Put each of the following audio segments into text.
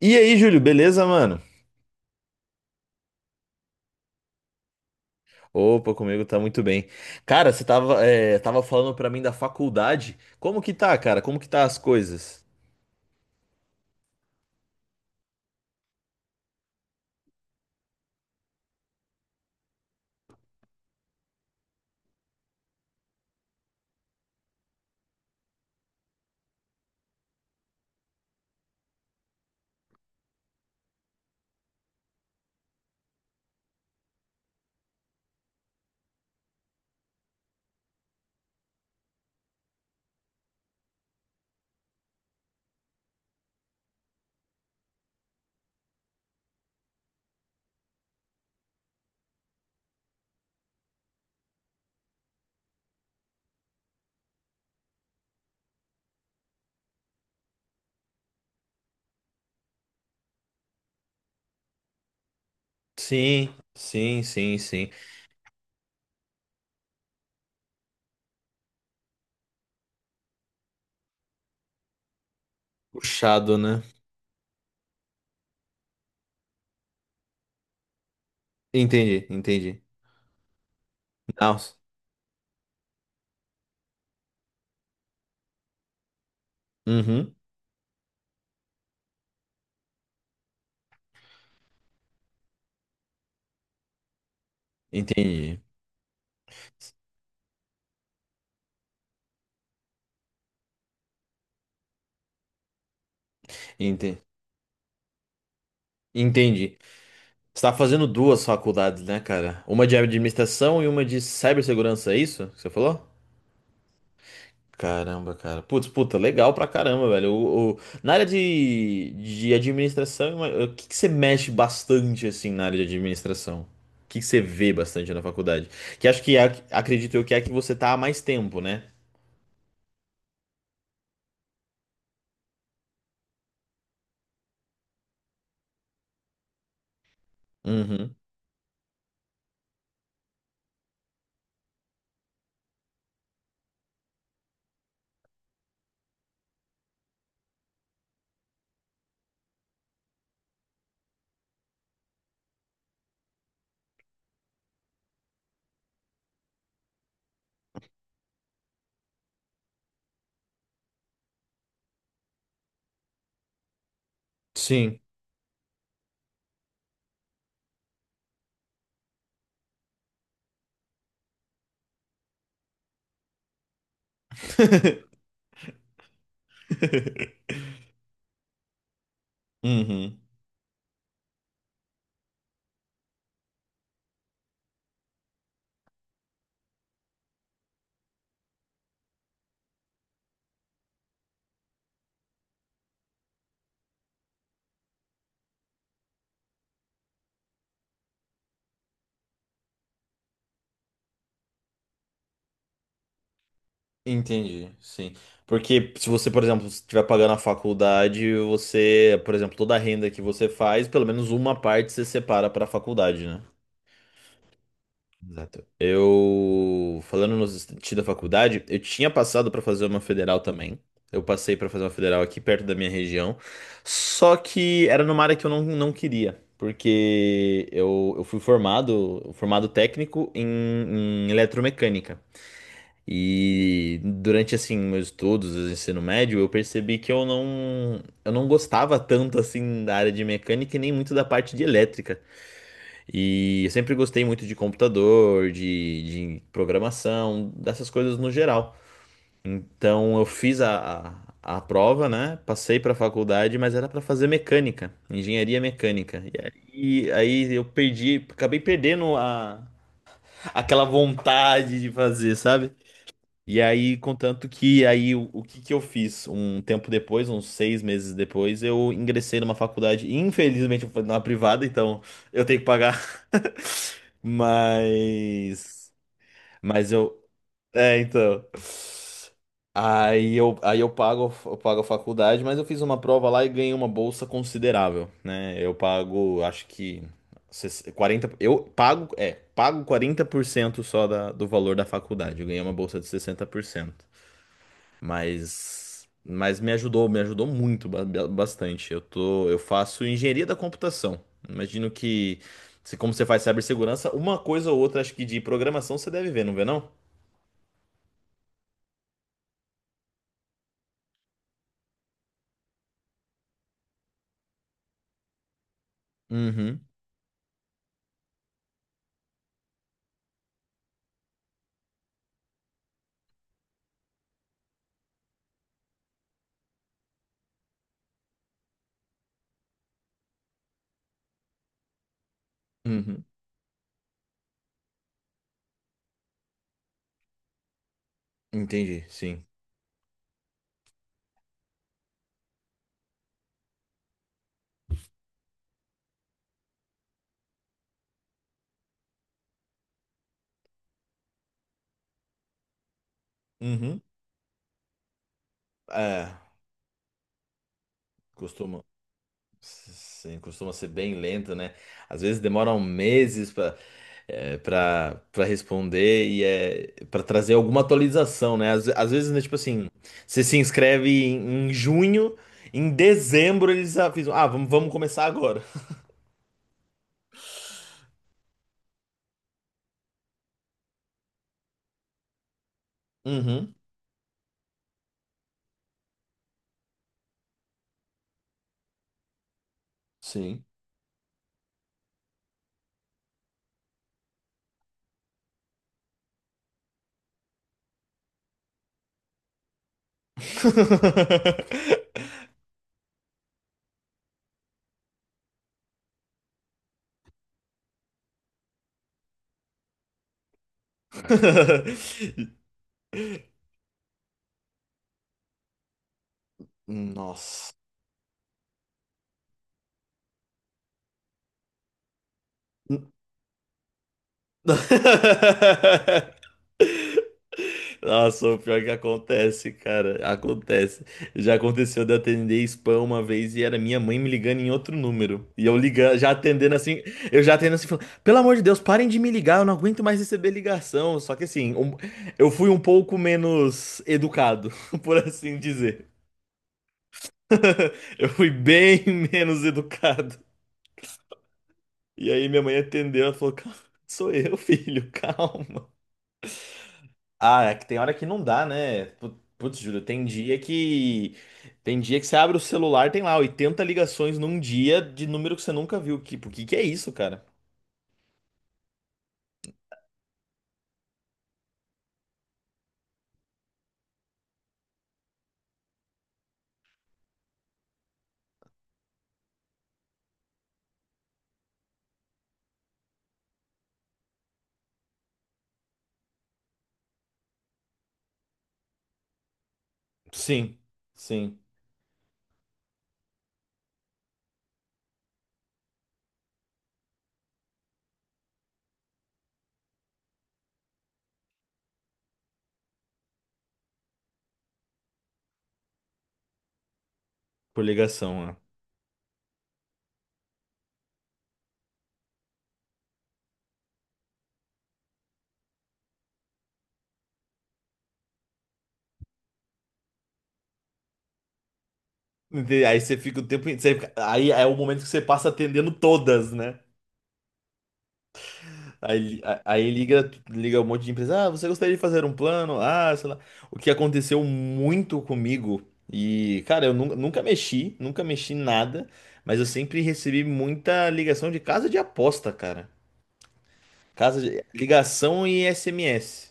E aí, Júlio, beleza, mano? Opa, comigo tá muito bem. Cara, você tava falando pra mim da faculdade. Como que tá, cara? Como que tá as coisas? Sim, sim, sim, sim. Puxado, né? Entendi, entendi. Nossa. Uhum, entendi. Ente- Entendi. Você tá fazendo duas faculdades, né, cara? Uma de administração e uma de cibersegurança, é isso que você falou? Caramba, cara. Putz, puta, legal pra caramba, velho. Na área de administração, o que que você mexe bastante, assim, na área de administração? O que que você vê bastante na faculdade? Que acho que, acredito eu, que é a que você tá há mais tempo, né? Uhum. Sim. Uhum. Entendi, sim. Porque se você, por exemplo, estiver pagando a faculdade, você, por exemplo, toda a renda que você faz, pelo menos uma parte você separa pra faculdade, né? Exato. Eu, falando no sentido da faculdade, eu tinha passado pra fazer uma federal também. Eu passei pra fazer uma federal aqui perto da minha região. Só que era numa área que eu não queria, porque eu fui formado, formado técnico em eletromecânica. E durante assim meus estudos, o ensino médio, eu percebi que eu não gostava tanto assim da área de mecânica e nem muito da parte de elétrica. E eu sempre gostei muito de computador, de programação, dessas coisas no geral. Então eu fiz a prova, né? Passei para a faculdade, mas era para fazer mecânica, engenharia mecânica. E aí, eu perdi, acabei perdendo aquela vontade de fazer, sabe? E aí, contanto que aí o que que eu fiz? Um tempo depois, uns 6 meses depois, eu ingressei numa faculdade, infelizmente, eu fui numa privada, então eu tenho que pagar mas. Mas eu. É, então. Aí eu pago a faculdade, mas eu fiz uma prova lá e ganhei uma bolsa considerável, né? Eu pago, acho que 60 40, eu pago 40% só da, do valor da faculdade. Eu ganhei uma bolsa de 60% mas me ajudou muito, bastante. Eu faço engenharia da computação. Imagino que, se como você faz cibersegurança, uma coisa ou outra, acho que de programação você deve ver, não vê não? Uhum, uhum. Entendi, sim. Uhum. É, costuma. Sim, costuma ser bem lento, né? Às vezes demoram meses para responder e é para trazer alguma atualização, né? Às vezes, né, tipo assim, você se inscreve em junho, em dezembro eles avisam, ah, vamos começar agora. Uhum, sim. Nossa. Nossa, o pior que acontece, cara. Acontece. Já aconteceu de eu atender spam uma vez e era minha mãe me ligando em outro número. E eu ligando, já atendendo assim, eu já atendendo assim, falando, pelo amor de Deus, parem de me ligar, eu não aguento mais receber ligação. Só que assim, eu fui um pouco menos educado, por assim dizer. Eu fui bem menos educado. E aí minha mãe atendeu, ela falou, "Calma, sou eu, filho, calma. Ah, é que tem hora que não dá, né? Putz, Júlio, tem dia que. Tem dia que você abre o celular, tem lá 80 ligações num dia de número que você nunca viu. Que, o que que é isso, cara? Sim, sim, por ligação, ó. Aí você fica o tempo. Aí é o momento que você passa atendendo todas, né? Aí, aí liga um monte de empresa. Ah, você gostaria de fazer um plano? Ah, sei lá. O que aconteceu muito comigo. E, cara, eu nunca mexi nada, mas eu sempre recebi muita ligação de casa de aposta, cara. Casa de, ligação e SMS.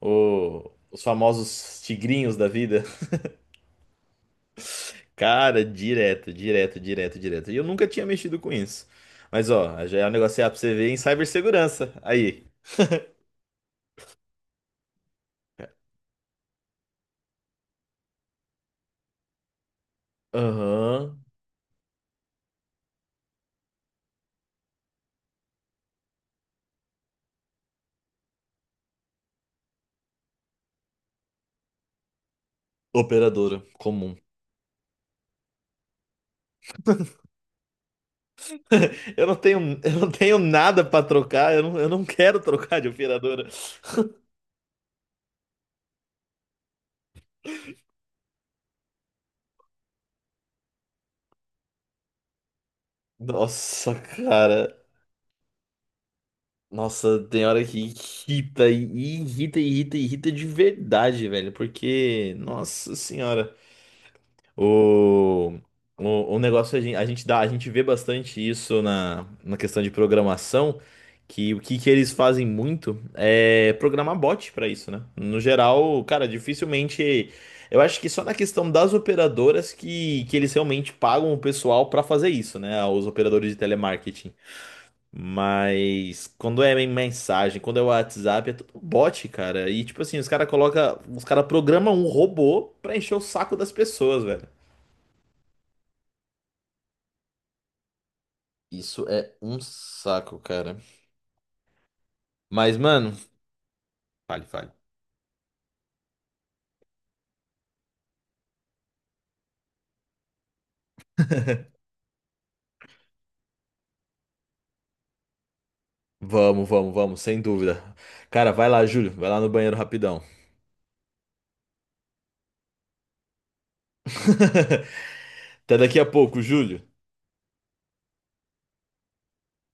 Os famosos tigrinhos da vida. Cara, direto, direto, direto, direto. E eu nunca tinha mexido com isso. Mas, ó, já é um negócio aí pra você ver em cibersegurança. Aí. Aham. Operadora comum. Eu não tenho nada pra trocar, eu não quero trocar de operadora. Nossa, cara. Nossa, tem hora que irrita, e irrita, irrita, irrita de verdade, velho. Porque, nossa senhora. O, o negócio é a gente dá, a gente vê bastante isso na questão de programação, que que eles fazem muito é programar bot para isso, né? No geral, cara, dificilmente. Eu acho que só na questão das operadoras que eles realmente pagam o pessoal para fazer isso, né? Os operadores de telemarketing. Mas quando é em mensagem, quando é WhatsApp, é tudo bot, cara. E tipo assim, os cara coloca, os cara programam um robô pra encher o saco das pessoas, velho. Isso é um saco, cara. Mas, mano, fale, fale. Vamos, vamos, vamos, sem dúvida. Cara, vai lá, Júlio, vai lá no banheiro rapidão. Até daqui a pouco, Júlio.